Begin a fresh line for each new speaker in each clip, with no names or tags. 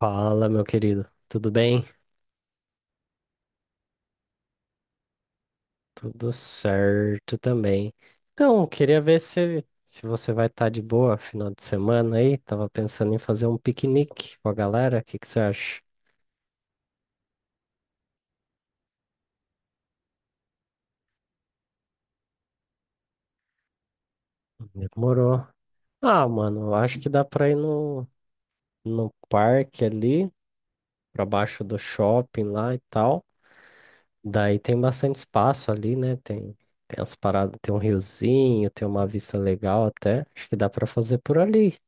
Fala, meu querido. Tudo bem? Tudo certo também. Então, queria ver se você vai estar de boa final de semana aí. Tava pensando em fazer um piquenique com a galera. O que que você acha? Demorou. Ah, mano, eu acho que dá pra ir no parque ali, pra baixo do shopping lá e tal. Daí tem bastante espaço ali, né? Tem as paradas, tem um riozinho, tem uma vista legal até. Acho que dá pra fazer por ali.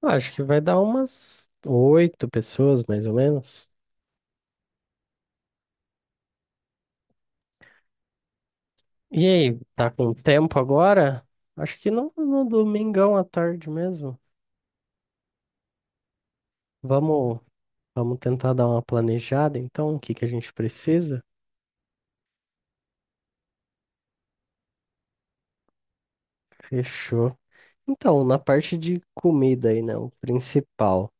Acho que vai dar umas oito pessoas, mais ou menos. E aí, tá com tempo agora? Acho que no domingão à tarde mesmo. Vamos, vamos tentar dar uma planejada, então, o que que a gente precisa? Fechou. Então, na parte de comida aí, né, o principal.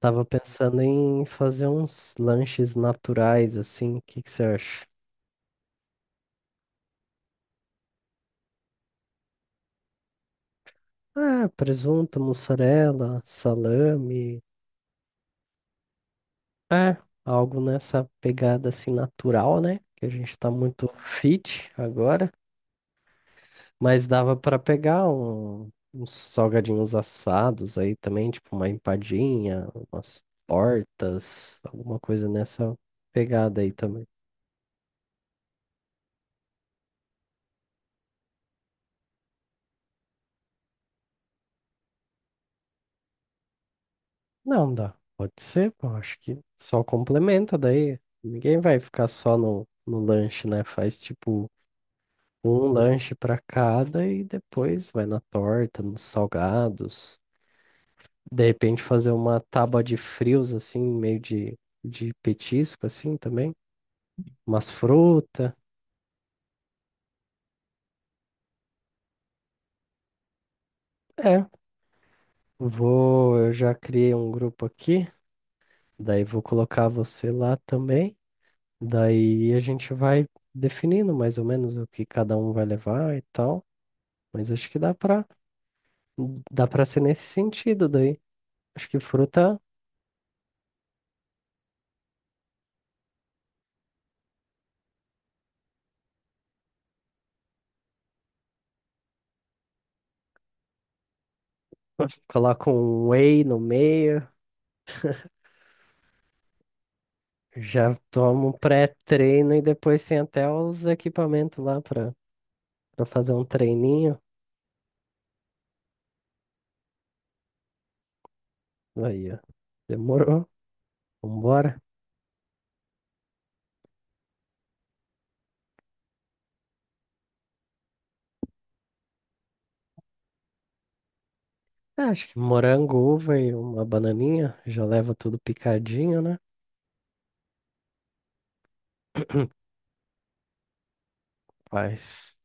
Tava pensando em fazer uns lanches naturais, assim, o que que você acha? Ah, presunto, mussarela, salame. É, algo nessa pegada assim natural, né? Que a gente tá muito fit agora, mas dava pra pegar uns salgadinhos assados aí também, tipo uma empadinha, umas tortas, alguma coisa nessa pegada aí também. Não dá, pode ser, pô, acho que só complementa daí. Ninguém vai ficar só no lanche, né? Faz tipo um lanche pra cada e depois vai na torta, nos salgados. De repente fazer uma tábua de frios, assim, meio de petisco, assim, também. Umas frutas. É, vou... Eu já criei um grupo aqui. Daí vou colocar você lá também. Daí a gente vai definindo mais ou menos o que cada um vai levar e tal. Mas acho que dá pra ser nesse sentido daí. Acho que fruta, coloca um whey no meio, já toma um pré-treino e depois tem até os equipamentos lá pra pra fazer um treininho. Aí, ó. Demorou. Vambora. É, acho que morango, uva e uma bananinha. Já leva tudo picadinho, né? Mas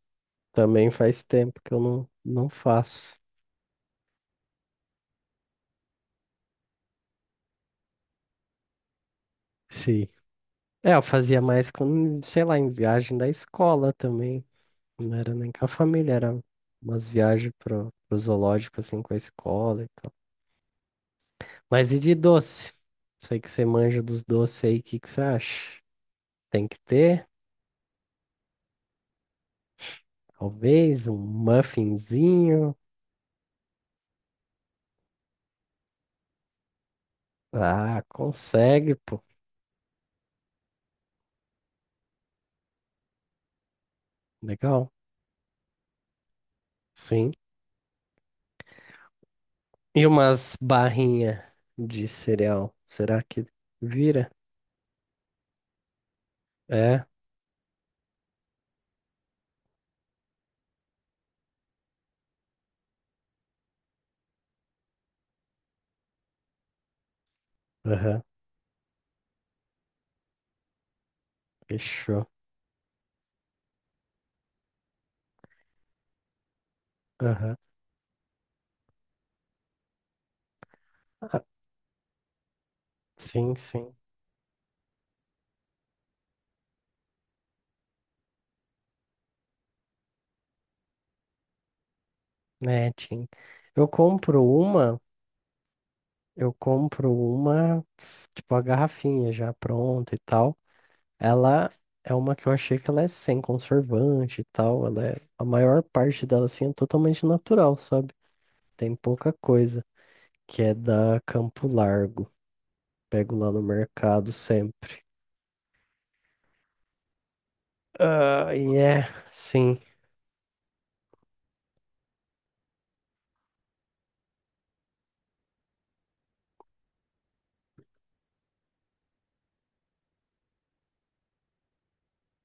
também faz tempo que eu não faço. Sim. É, eu fazia mais quando, sei lá, em viagem da escola também. Não era nem com a família, era umas viagens pro zoológico, assim, com a escola e tal. Mas e de doce? Sei que você manja dos doces aí, o que que você acha? Tem que ter? Talvez um muffinzinho. Ah, consegue, pô. Legal. Sim. E umas barrinhas de cereal. Será que vira? É? Aham. Fechou. Aham. Ah, sim, sim. Netinho. Eu compro uma, eu compro uma, tipo a garrafinha já pronta e tal. Ela é uma que eu achei que ela é sem conservante e tal. Ela é, a maior parte dela assim é totalmente natural, sabe? Tem pouca coisa, que é da Campo Largo. Pego lá no mercado sempre. Ah, e é, sim.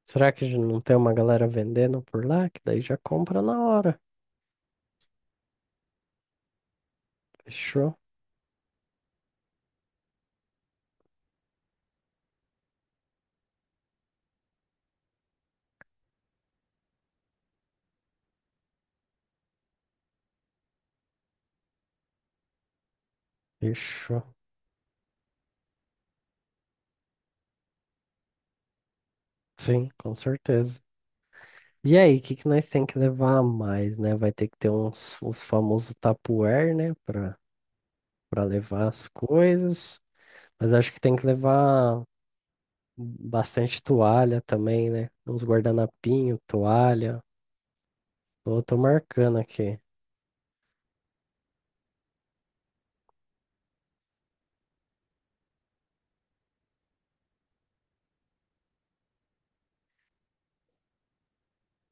Será que não tem uma galera vendendo por lá? Que daí já compra na hora. Fechou? Fechou. Sim, com certeza. E aí, o que que nós tem que levar a mais, né? Vai ter que ter uns, os famosos Tupperware, né? Pra levar as coisas. Mas acho que tem que levar bastante toalha também, né? Uns guardanapinho, toalha. Tô marcando aqui.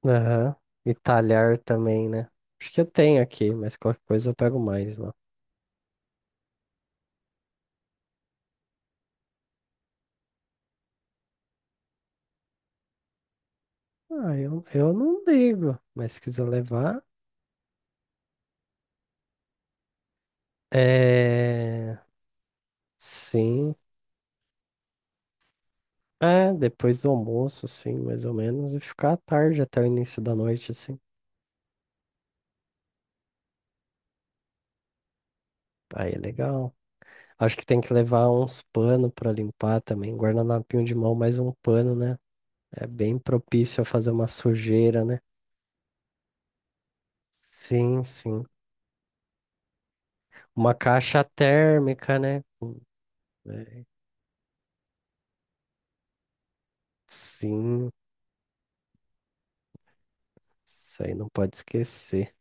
Aham. E talhar também, né? Acho que eu tenho aqui, mas qualquer coisa eu pego mais lá. Ah, eu não ligo, mas se quiser levar. É. Sim. É, depois do almoço, assim, mais ou menos, e ficar à tarde até o início da noite, assim. Aí é legal. Acho que tem que levar uns pano pra limpar também. Guardanapinho de mão, mais um pano, né? É bem propício a fazer uma sujeira, né? Sim, sim. Uma caixa térmica, né? Sim, isso aí não pode esquecer.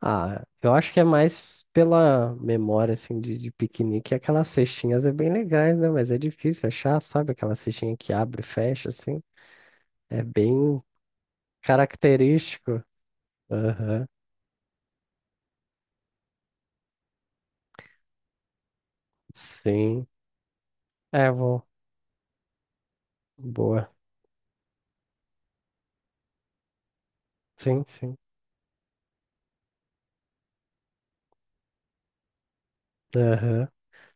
Ah, eu acho que é mais pela memória, assim, de piquenique. Aquelas cestinhas é bem legais, né? Mas é difícil achar, sabe? Aquela cestinha que abre e fecha, assim. É bem característico. Aham, sim. É, vou. Boa. Sim, sim. Aham.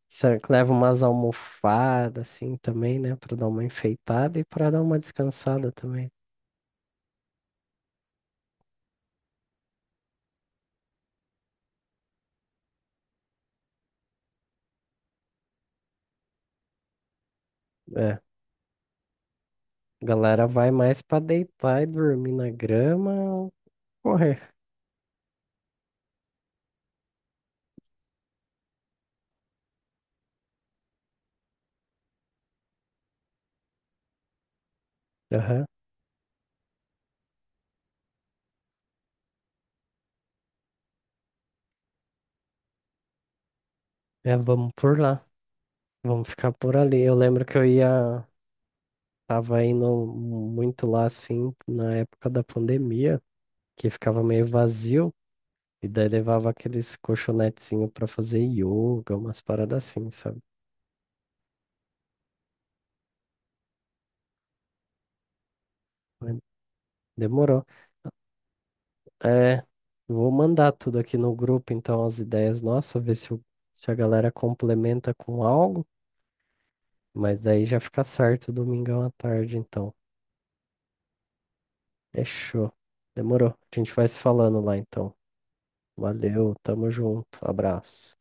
Será que leva umas almofadas, assim, também, né? Pra dar uma enfeitada e pra dar uma descansada também. É. A galera vai mais pra deitar e dormir na grama ou correr. Aham. É, vamos por lá. Vamos ficar por ali. Eu lembro que eu ia. Tava indo muito lá assim, na época da pandemia, que ficava meio vazio. E daí levava aqueles colchonetezinhos pra fazer yoga, umas paradas assim, sabe? Mas demorou. É, vou mandar tudo aqui no grupo, então, as ideias nossas, ver se a galera complementa com algo. Mas daí já fica certo, domingão à tarde, então. Fechou. Demorou. A gente vai se falando lá, então. Valeu, tamo junto. Abraço.